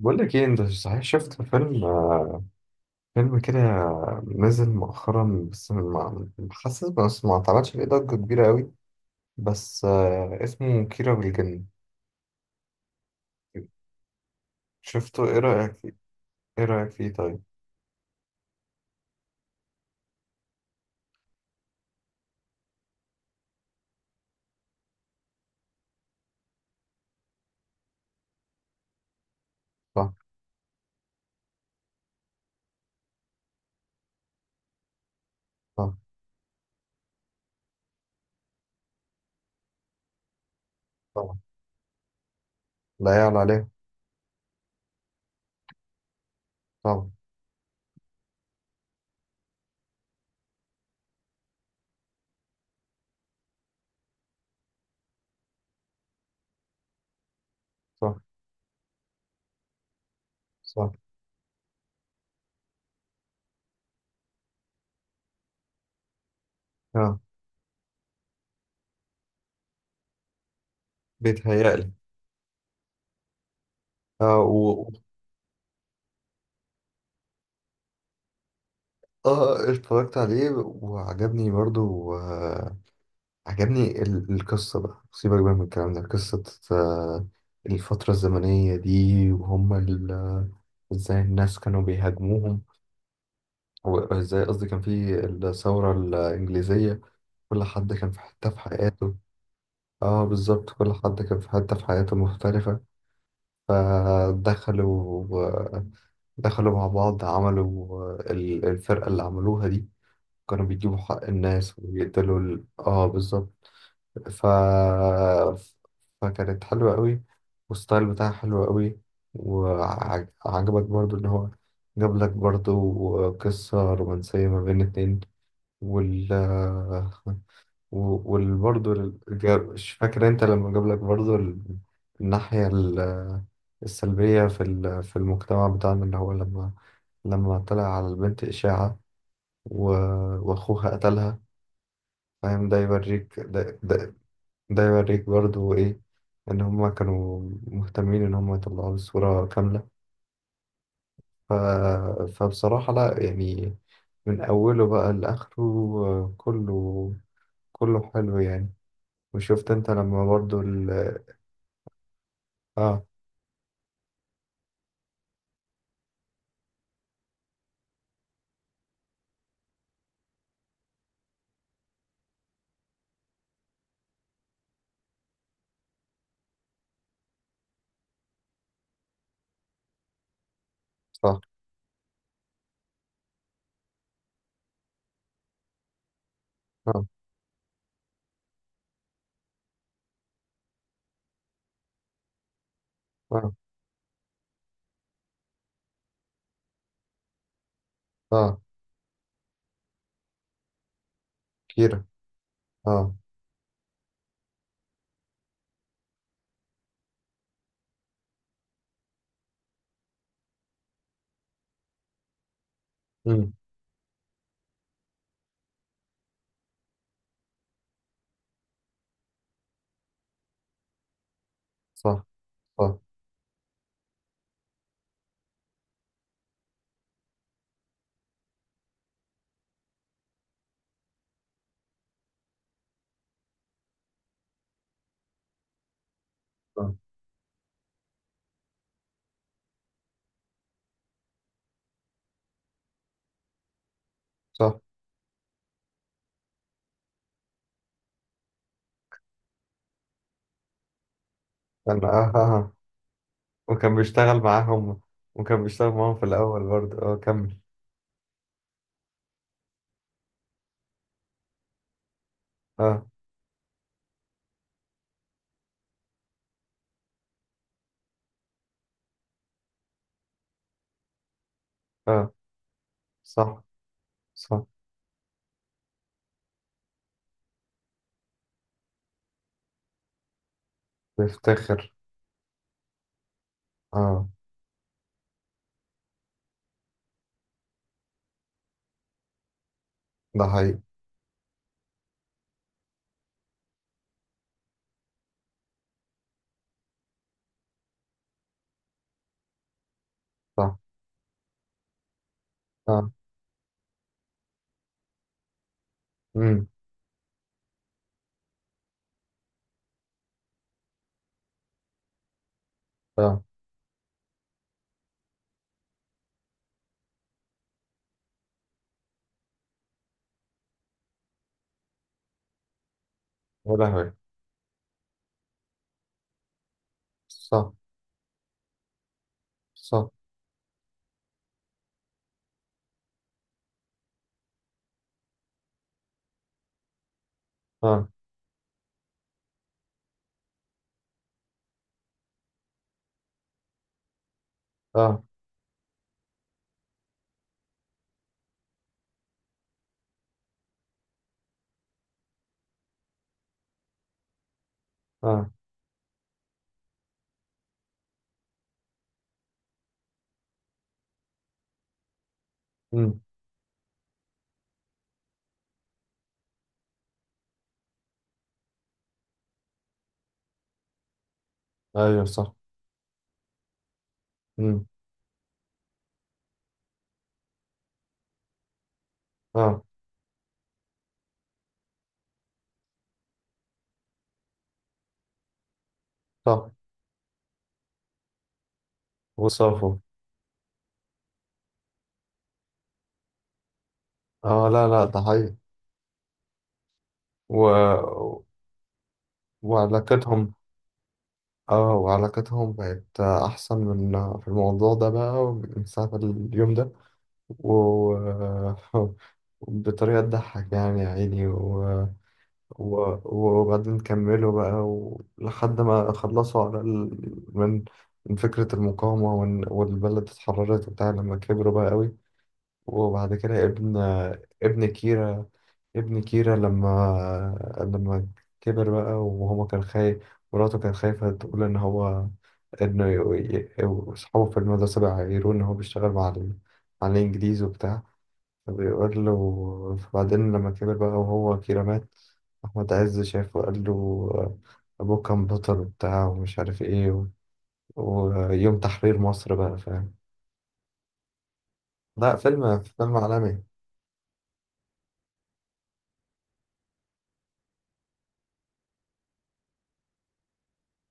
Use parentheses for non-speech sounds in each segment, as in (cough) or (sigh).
بقول لك ايه، انت صحيح شفت فيلم كده نزل مؤخرا، بس ما اتعملش عليه ضجة كبيرة قوي، بس اسمه كيرة والجن. شفته، ايه رأيك فيه؟ ايه رأيك فيه طيب؟ صح، صح. طبعا. لا يعلى عليه. طبعا. صح، صح. اه. بيتهيألي. اه و... و- اه، اتفرجت عليه وعجبني برضو. عجبني القصة بقى، سيبك بقى من الكلام ده، قصة. آه، الفترة الزمنية دي، وهم ازاي الناس كانوا بيهاجموهم، وازاي، قصدي، كان في الثورة الإنجليزية. كل حد كان في حتة في حياته. اه بالظبط، كل حد كان في حتة في حياته مختلفة. فدخلوا آه، دخلوا مع بعض، عملوا الفرقة اللي عملوها دي، كانوا بيجيبوا حق الناس ويقتلوا اه بالظبط. ف... فكانت حلوة قوي، والستايل بتاعها حلو قوي. وعجبك برضو ان هو جاب لك برضو قصة رومانسية ما بين اتنين، وال و- والبرضو ال- جا- مش فاكر انت لما جاب لك برضو الناحية السلبية في المجتمع بتاعنا، اللي هو لما طلع على البنت إشاعة و- وأخوها قتلها، فاهم؟ ده يوريك ده. ده يوريك برضو إيه؟ إن هما كانوا مهتمين إن هما يطلعوا الصورة كاملة. ف... فبصراحة لأ يعني، من أوله بقى لآخره، آه، كله كله حلو يعني. وشفت أنت لما برضو آه، صح. آه آه آه. كيرة. آه. أمم. صح، صح. آه. صح. كان آه آه آه. وكان بيشتغل معاهم، وكان بيشتغل معاهم في الأول برضو، آه، كمل. آه، آه. صح، صح. بيفتخر. آه. ده حقيقي. صح. اه. امم. اه. ولا هوي. صح، صح. اه، اه، اه. امم، ايوه، صح. امم. اه، صح. وصافوا. اه، لا لا، ده حقيقي. و... وعلاقتهم. اه، وعلاقتهم بقت احسن من، في الموضوع ده بقى، من ساعة اليوم ده. و... (laughs) بطريقة تضحك يعني، يا عيني. وبعدين كملوا بقى، لحد ما خلصوا من فكرة المقاومة، والبلد اتحررت وبتاع، لما كبروا بقى قوي. وبعد كده ابن كيرا ابن كيرا لما كبر بقى وهو كان خايف، مراته كان خايفة تقول إن هو، إنه أصحابه في المدرسة بقى يعيروه إن هو بيشتغل مع مع الإنجليز وبتاع، بيقول له. بعدين لما كبر بقى وهو كده مات، أحمد عز شافه وقال له أبوه كان بطل وبتاع، ومش عارف إيه، ويوم تحرير مصر بقى، فاهم؟ لا، فيلم عالمي.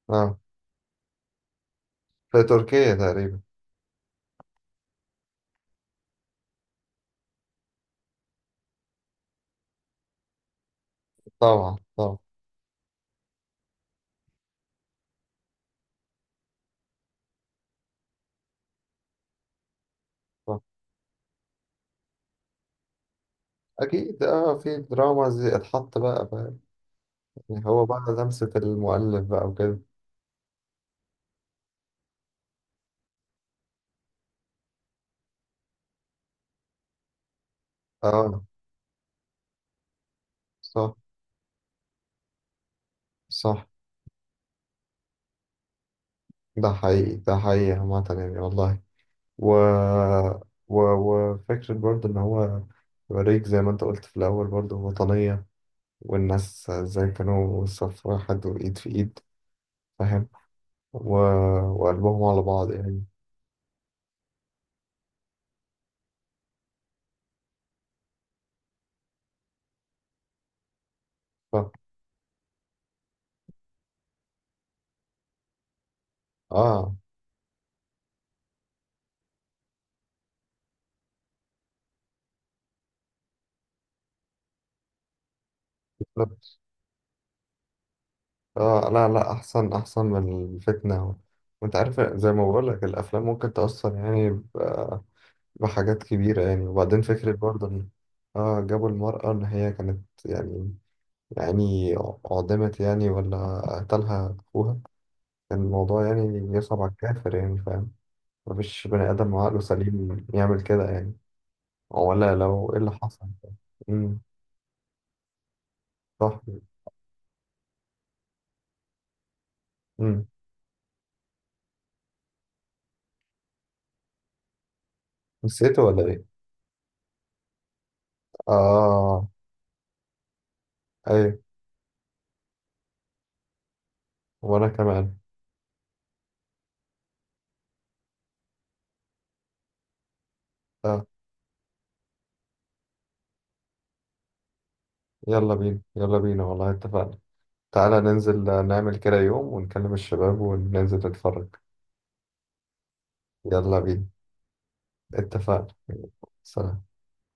اه، في تركيا تقريبا. طبعا، طبعا. طبعا. أكيد، اه، في دراما زي اتحط بقى، فاهم؟ يعني هو بقى لمسة المؤلف بقى وكده. اه. صح، صح. ده حقيقي، ده حقيقي عامة يعني، والله. و... وفكرة برضه إن هو يوريك، زي ما أنت قلت في الأول، برضه وطنية، والناس إزاي كانوا صف واحد وإيد في إيد، فاهم؟ و... وقلبهم على بعض يعني. ف... آه بالظبط. آه، لا لا، أحسن، أحسن من الفتنة. وأنت عارف، زي ما بقولك، الأفلام ممكن تأثر يعني بحاجات كبيرة يعني. وبعدين فكرة برضه إن، آه، جابوا المرأة إن هي كانت يعني، يعني أعدمت يعني، ولا قتلها أخوها، كان الموضوع يعني يصعب على الكافر يعني، فاهم؟ مفيش بني آدم عقله سليم يعمل كده يعني، ولا لو إيه اللي حصل. امم. صح. امم. نسيته ولا إيه؟ آه. أيوة. وأنا كمان. آه. يلا بينا، يلا بينا والله، اتفقنا. تعالى ننزل، نعمل كده يوم ونكلم الشباب وننزل نتفرج. يلا بينا. اتفقنا. سلام.